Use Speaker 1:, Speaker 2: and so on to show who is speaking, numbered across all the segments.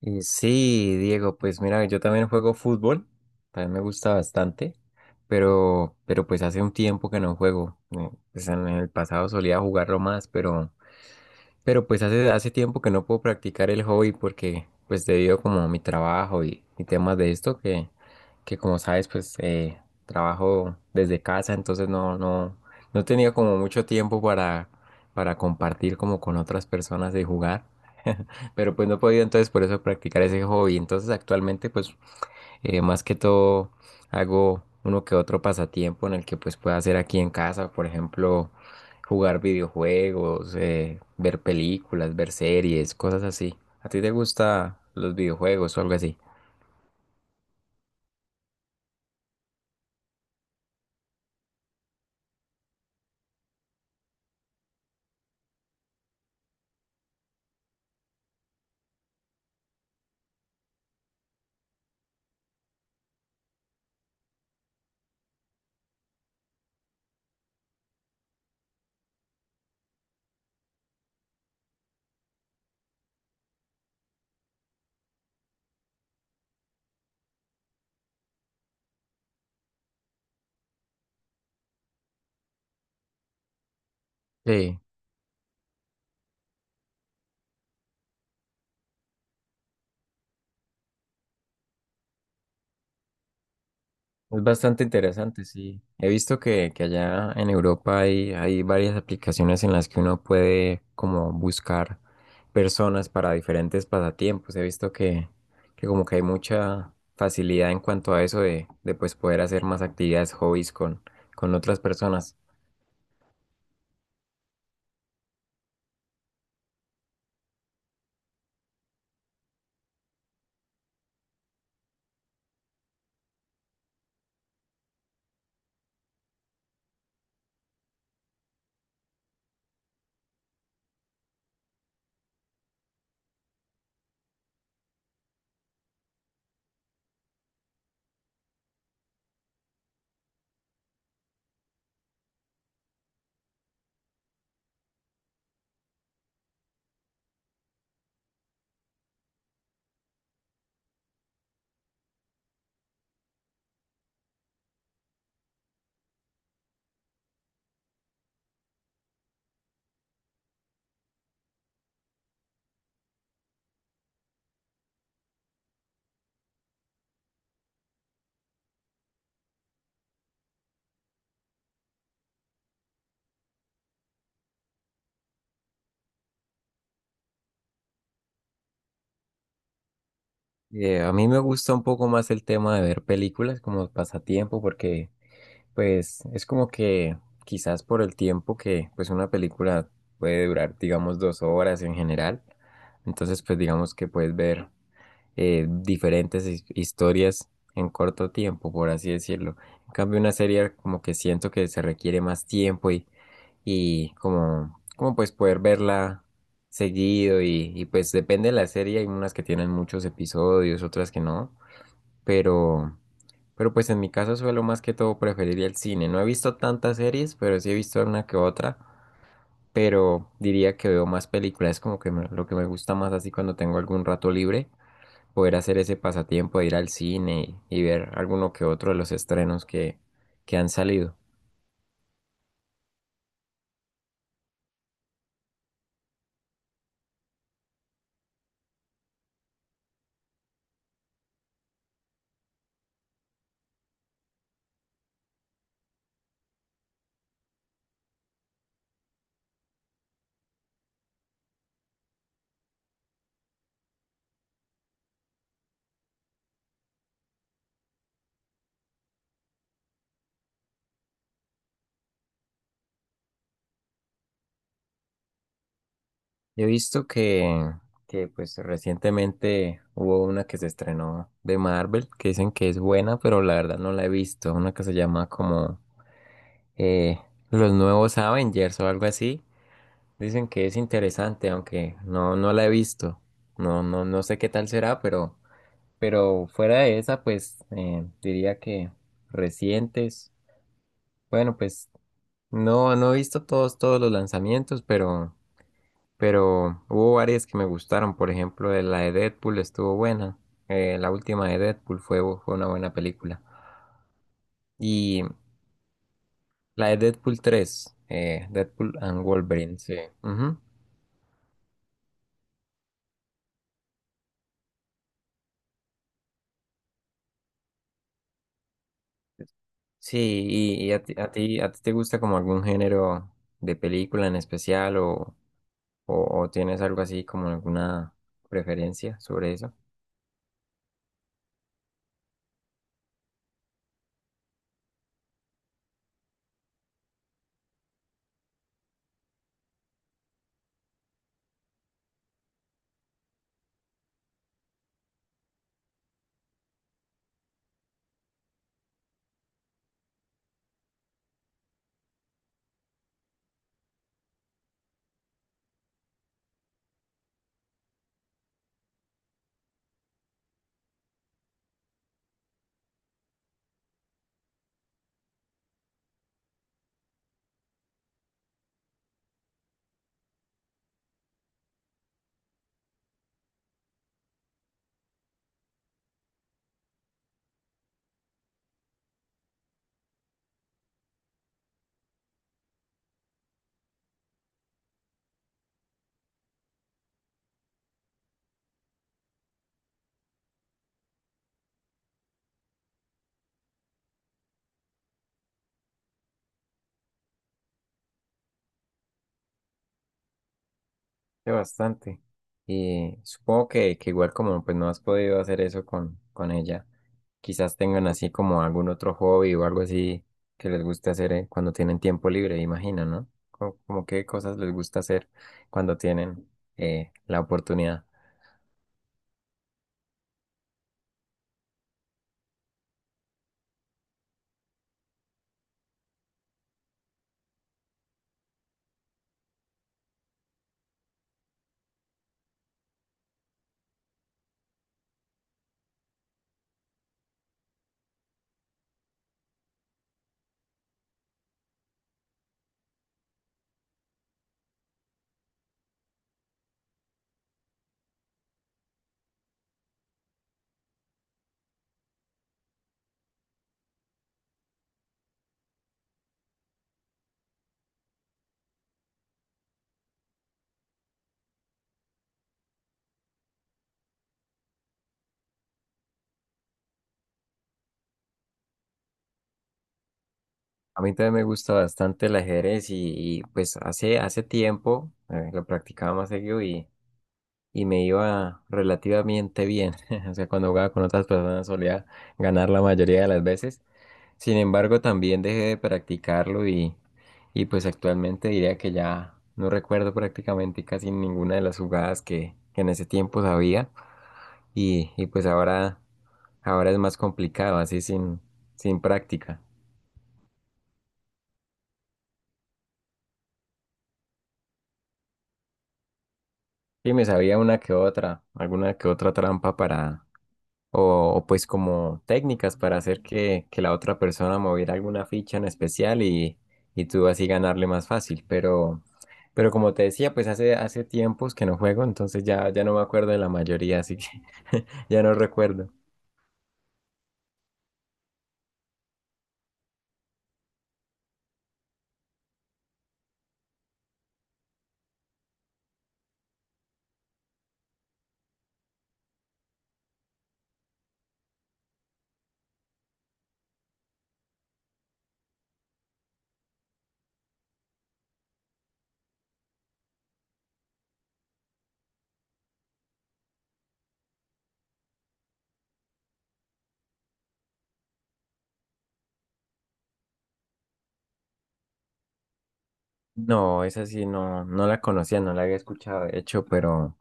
Speaker 1: Y sí, Diego, pues mira, yo también juego fútbol, también me gusta bastante, pero pues hace un tiempo que no juego. Pues en el pasado solía jugarlo más, pero pues hace tiempo que no puedo practicar el hobby porque pues debido como a mi trabajo y temas de esto que como sabes pues trabajo desde casa entonces no tenía como mucho tiempo para compartir como con otras personas y jugar. Pero pues no he podido entonces por eso practicar ese hobby. Entonces actualmente pues más que todo hago uno que otro pasatiempo en el que pues pueda hacer aquí en casa, por ejemplo, jugar videojuegos, ver películas, ver series, cosas así. ¿A ti te gustan los videojuegos o algo así? Sí. Es bastante interesante, sí. He visto que allá en Europa hay, hay varias aplicaciones en las que uno puede como buscar personas para diferentes pasatiempos. He visto que como que hay mucha facilidad en cuanto a eso de pues poder hacer más actividades, hobbies con otras personas. A mí me gusta un poco más el tema de ver películas como pasatiempo porque pues es como que quizás por el tiempo que pues una película puede durar, digamos, 2 horas en general. Entonces, pues digamos que puedes ver diferentes historias en corto tiempo, por así decirlo. En cambio, una serie como que siento que se requiere más tiempo y como, como pues poder verla seguido y pues depende de la serie. Hay unas que tienen muchos episodios, otras que no, pero pues en mi caso suelo más que todo preferiría el cine. No he visto tantas series, pero sí he visto una que otra. Pero diría que veo más películas, como que lo que me gusta más así cuando tengo algún rato libre, poder hacer ese pasatiempo de ir al cine y ver alguno que otro de los estrenos que han salido. He visto que pues recientemente hubo una que se estrenó de Marvel, que dicen que es buena, pero la verdad no la he visto. Una que se llama como eh, Los Nuevos Avengers o algo así. Dicen que es interesante, aunque no, no la he visto. No, no sé qué tal será, pero fuera de esa, pues diría que recientes. Bueno, pues no, no he visto todos, todos los lanzamientos, pero hubo varias que me gustaron. Por ejemplo, la de Deadpool estuvo buena. La última de Deadpool fue, fue una buena película. Y la de Deadpool 3, Deadpool and Wolverine, sí. Ujú. Sí, y a ti, a ti te gusta como algún género de película en especial o tienes algo así como alguna preferencia sobre eso? Sí, bastante. Y supongo que igual como pues no has podido hacer eso con ella, quizás tengan así como algún otro hobby o algo así que les guste hacer cuando tienen tiempo libre, imagino, ¿no? Como, como qué cosas les gusta hacer cuando tienen la oportunidad. A mí también me gusta bastante el ajedrez y, pues hace tiempo, lo practicaba más seguido y me iba relativamente bien. O sea, cuando jugaba con otras personas solía ganar la mayoría de las veces. Sin embargo, también dejé de practicarlo y pues actualmente diría que ya no recuerdo prácticamente casi ninguna de las jugadas que en ese tiempo sabía y pues ahora es más complicado, así sin, sin práctica. Sí, me sabía una que otra, alguna que otra trampa para, o pues como técnicas para hacer que la otra persona moviera alguna ficha en especial y tú así ganarle más fácil. Pero como te decía, pues hace tiempos que no juego, entonces ya no me acuerdo de la mayoría, así que ya no recuerdo. No, esa sí no, no la conocía, no la había escuchado, de hecho, pero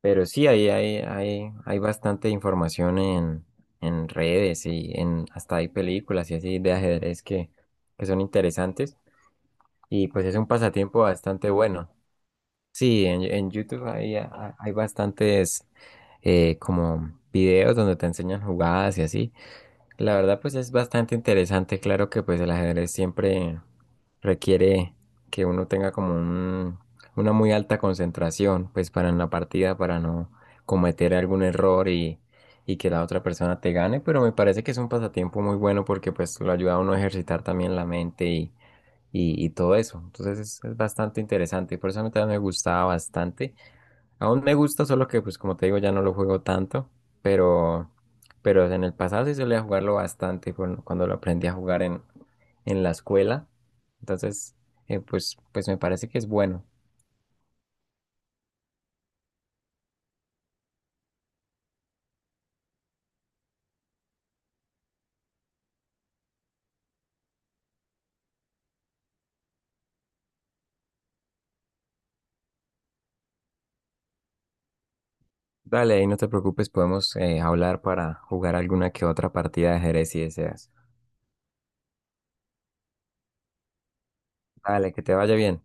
Speaker 1: Pero sí, hay bastante información en redes y en, hasta hay películas y así de ajedrez que son interesantes y pues es un pasatiempo bastante bueno. Sí, en YouTube hay, hay bastantes como videos donde te enseñan jugadas y así. La verdad, pues es bastante interesante. Claro que pues el ajedrez siempre requiere que uno tenga como una muy alta concentración, pues para en la partida, para no cometer algún error y que la otra persona te gane. Pero me parece que es un pasatiempo muy bueno porque pues lo ayuda a uno a ejercitar también la mente y todo eso. Entonces es bastante interesante. Por eso a mí también me gustaba bastante. Aún me gusta, solo que pues como te digo ya no lo juego tanto, pero pero en el pasado sí solía jugarlo bastante cuando, cuando lo aprendí a jugar en la escuela. Entonces, pues, pues me parece que es bueno. Dale, ahí no te preocupes, podemos hablar para jugar alguna que otra partida de ajedrez si deseas. Dale, que te vaya bien.